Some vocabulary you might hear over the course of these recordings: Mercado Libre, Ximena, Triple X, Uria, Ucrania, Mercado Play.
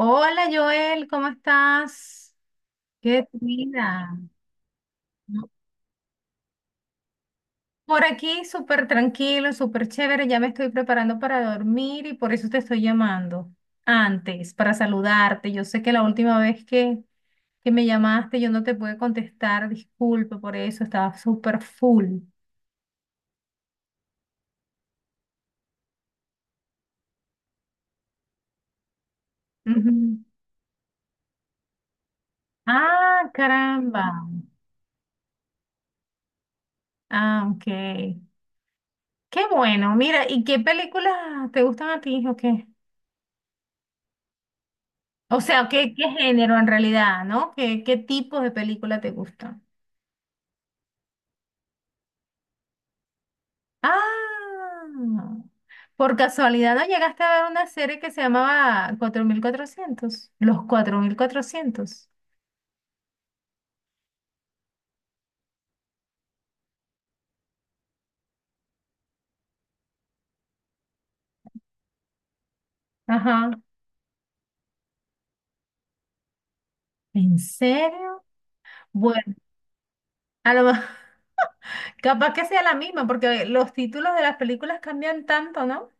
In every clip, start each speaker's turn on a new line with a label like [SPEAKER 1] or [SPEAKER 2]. [SPEAKER 1] Hola Joel, ¿cómo estás? ¿Qué es tu vida? No. Por aquí súper tranquilo, súper chévere, ya me estoy preparando para dormir y por eso te estoy llamando antes, para saludarte. Yo sé que la última vez que me llamaste yo no te pude contestar, disculpe por eso, estaba súper full. Ujú. Ah, caramba. Ah, ok. Qué bueno, mira, ¿y qué películas te gustan a ti o qué? O sea, ¿qué, qué género en realidad, ¿no? ¿Qué, qué tipos de película te gustan? Ah, por casualidad no llegaste a ver una serie que se llamaba 4.400, ¿los 4.400? Ajá. ¿En serio? Bueno, a lo mejor, capaz que sea la misma, porque los títulos de las películas cambian tanto, ¿no?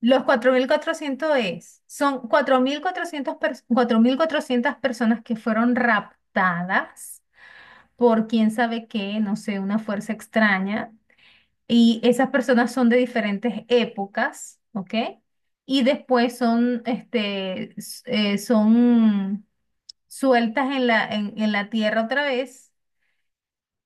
[SPEAKER 1] Los 4400 es, son 4400 personas que fueron raptadas por quién sabe qué, no sé, una fuerza extraña. Y esas personas son de diferentes épocas, ¿ok? Y después son, son sueltas en la tierra otra vez,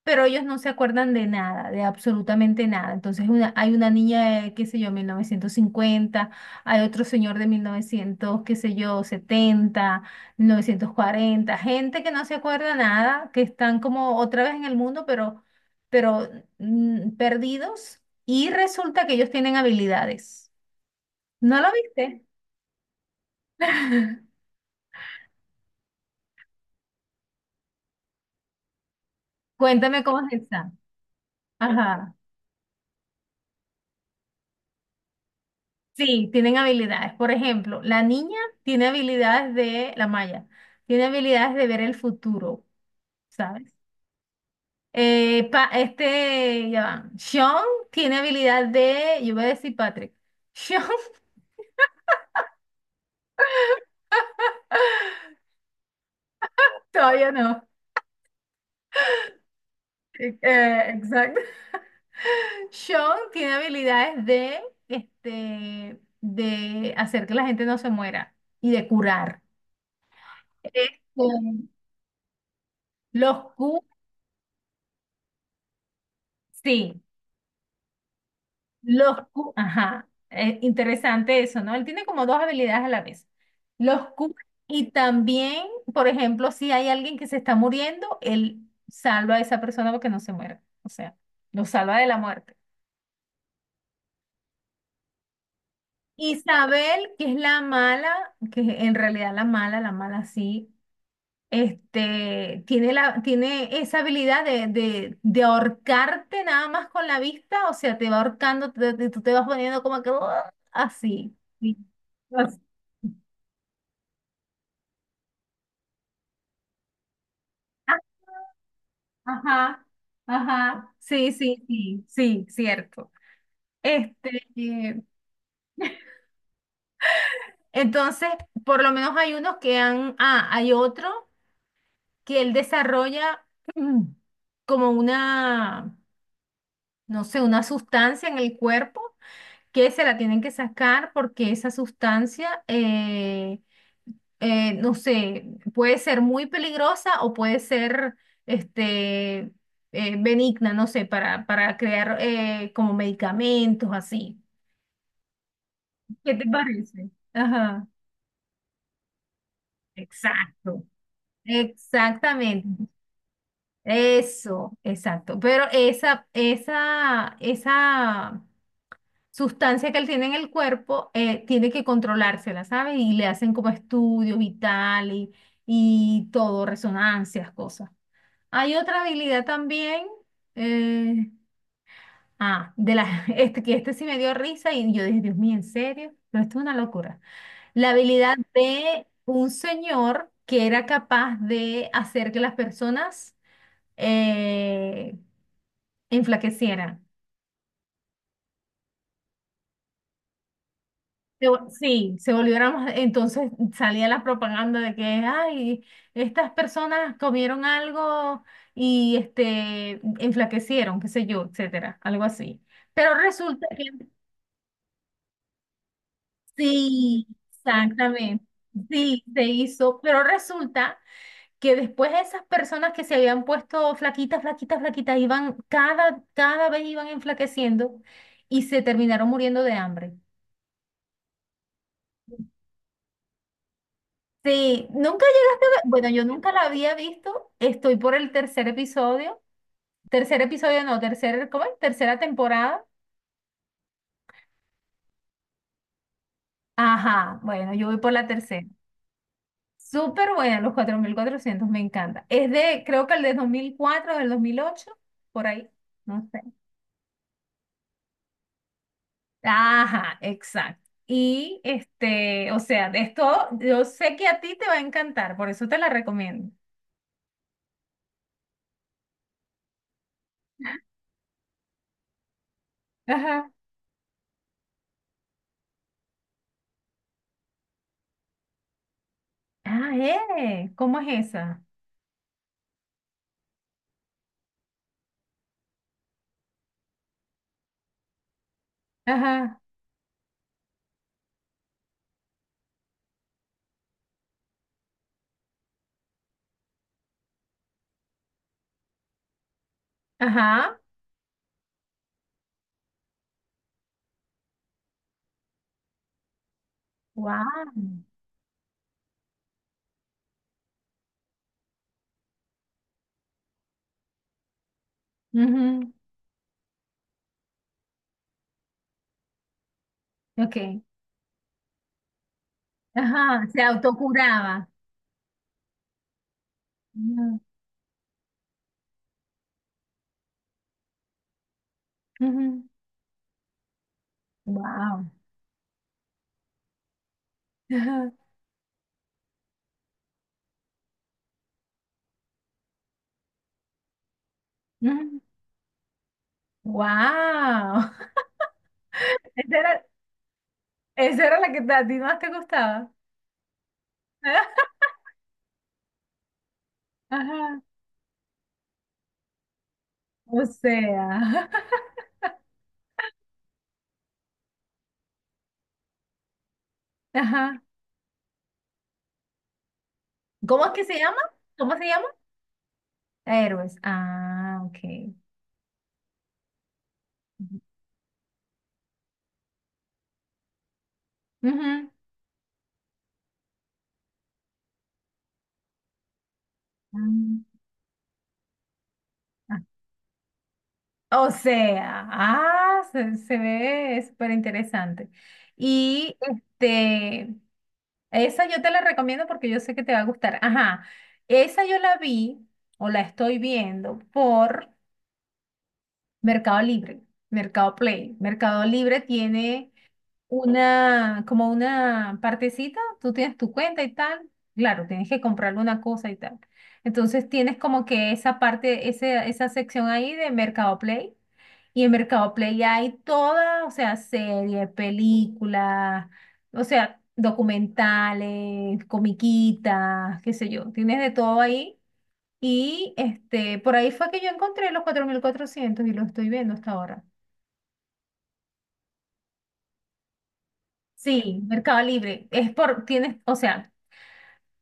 [SPEAKER 1] pero ellos no se acuerdan de nada, de absolutamente nada. Entonces, una, hay una niña de, qué sé yo, 1950, hay otro señor de 1900, qué sé yo, 70, 1940, gente que no se acuerda nada, que están como otra vez en el mundo. Pero mm, perdidos y resulta que ellos tienen habilidades. ¿No lo viste? Cuéntame cómo es esa. Ajá. Sí, tienen habilidades. Por ejemplo, la niña tiene habilidades de la Maya, tiene habilidades de ver el futuro, ¿sabes? Ya van. Sean tiene habilidad de, yo voy a decir Patrick. Sean. Todavía no. Exacto. Sean tiene habilidades de de hacer que la gente no se muera y de curar. Este, los Q, sí. Ajá, interesante eso, ¿no? Él tiene como dos habilidades a la vez. Los cura y también, por ejemplo, si hay alguien que se está muriendo, él salva a esa persona porque no se muera. O sea, lo salva de la muerte. Isabel, que es la mala, que en realidad la mala sí, tiene la, tiene esa habilidad de ahorcarte nada más con la vista. O sea, te va ahorcando, tú te vas poniendo como que "Uah", así. Sí. Así. Ah, ajá, ajá, sí, sí, sí, sí, cierto. Este, eh, entonces, por lo menos hay unos que hay otro que él desarrolla, mm, como una, no sé, una sustancia en el cuerpo que se la tienen que sacar, porque esa sustancia, no sé, puede ser muy peligrosa o puede ser este, benigna, no sé, para, crear, como medicamentos así. ¿Qué te parece? Ajá, exacto, exactamente. Eso, exacto. Pero esa sustancia que él tiene en el cuerpo, tiene que controlársela, ¿sabes? Y le hacen como estudios y tal, y todo, resonancias, cosas. Hay otra habilidad también, eh, que este sí me dio risa, y yo dije, Dios mío, ¿en serio? Pero esto es una locura. La habilidad de un señor que era capaz de hacer que las personas, eh, enflaquecieran. Sí, se volvieron más. Entonces salía la propaganda de que, ay, estas personas comieron algo y enflaquecieron, qué sé yo, etcétera, algo así. Pero resulta que sí, exactamente, sí, se hizo. Pero resulta que después esas personas que se habían puesto flaquitas, flaquitas, flaquitas, iban, cada vez iban enflaqueciendo y se terminaron muriendo de hambre. Sí, nunca llegaste a ver, bueno, yo nunca la había visto, estoy por el tercer episodio no, tercer, ¿cómo es? Tercera temporada. Ajá, bueno, yo voy por la tercera. Súper buena, los 4.400, me encanta. Es de, creo que el de 2004, del 2008, por ahí, no sé. Ajá, exacto. Y o sea, de esto, yo sé que a ti te va a encantar, por eso te la recomiendo. Ajá. Ah, ¿cómo es esa? Ajá. Ajá. Wow. Ok. Ajá, se autocuraba. Wow. Wow. Esa era, esa era la que a ti más te gustaba. Ajá. O sea. Ajá. ¿Cómo es que se llama? ¿Cómo se llama? Héroes. Ah, ok. Ujú. Mm. Ah, o sea, ah, se ve súper interesante. Y esa yo te la recomiendo porque yo sé que te va a gustar. Ajá, esa yo la vi, o la estoy viendo por Mercado Libre, Mercado Play. Mercado Libre tiene una, como una partecita, tú tienes tu cuenta y tal, claro, tienes que comprarle una cosa y tal. Entonces tienes como que esa parte, ese, esa sección ahí de Mercado Play. Y en Mercado Play hay toda, o sea, series, películas, o sea, documentales, comiquitas, qué sé yo, tienes de todo ahí. Y por ahí fue que yo encontré los 4.400 y lo estoy viendo hasta ahora. Sí, Mercado Libre. Es por, tienes, o sea,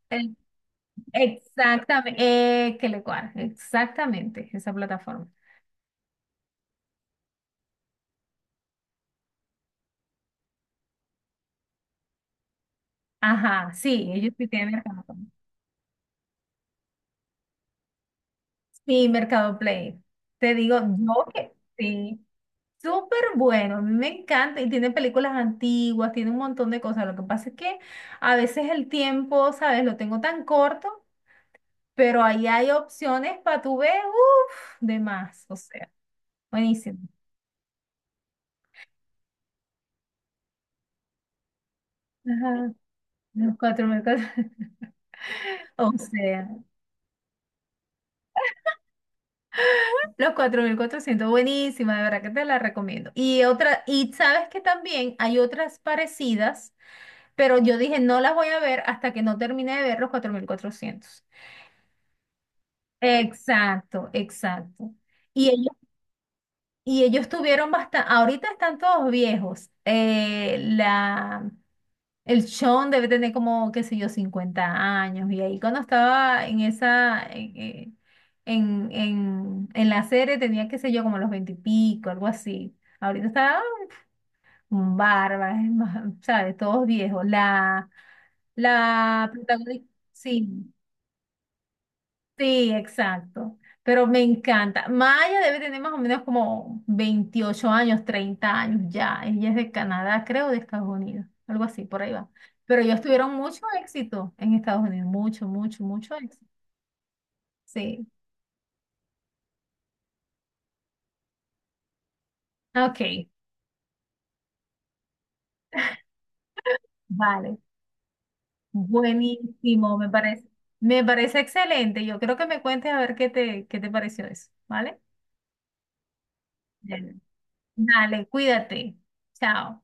[SPEAKER 1] el- exactamente, que le cuadra, exactamente, esa plataforma. Ajá, sí, ellos sí tienen Mercado. Sí, Mercado Play. Te digo, yo que sí. Súper bueno, a mí me encanta, y tiene películas antiguas, tiene un montón de cosas. Lo que pasa es que a veces el tiempo, ¿sabes? Lo tengo tan corto, pero ahí hay opciones para tu ver, uff, de más, o sea, buenísimo. Ajá. Los 4.400. O sea, los 4.400, buenísima, de verdad que te la recomiendo. Y otra, y sabes que también hay otras parecidas, pero yo dije, no las voy a ver hasta que no termine de ver los 4.400. Exacto, exacto. Y hay, y ellos tuvieron bastante, ahorita están todos viejos. La, el Sean debe tener como, qué sé yo, 50 años. Y ahí cuando estaba en esa, en la serie tenía, qué sé yo, como los 20 y pico, algo así. Ahorita está un barba, es más, ¿sabes? Todos viejos. La protagonista, sí. Sí, exacto. Pero me encanta. Maya debe tener más o menos como 28 años, 30 años ya. Ella es de Canadá, creo, de Estados Unidos. Algo así, por ahí va. Pero ellos tuvieron mucho éxito en Estados Unidos. Mucho, mucho, mucho éxito. Sí. Ok, vale. Buenísimo, me parece. Me parece excelente. Yo creo que me cuentes a ver qué te pareció eso, ¿vale? Bien. Dale, cuídate. Chao.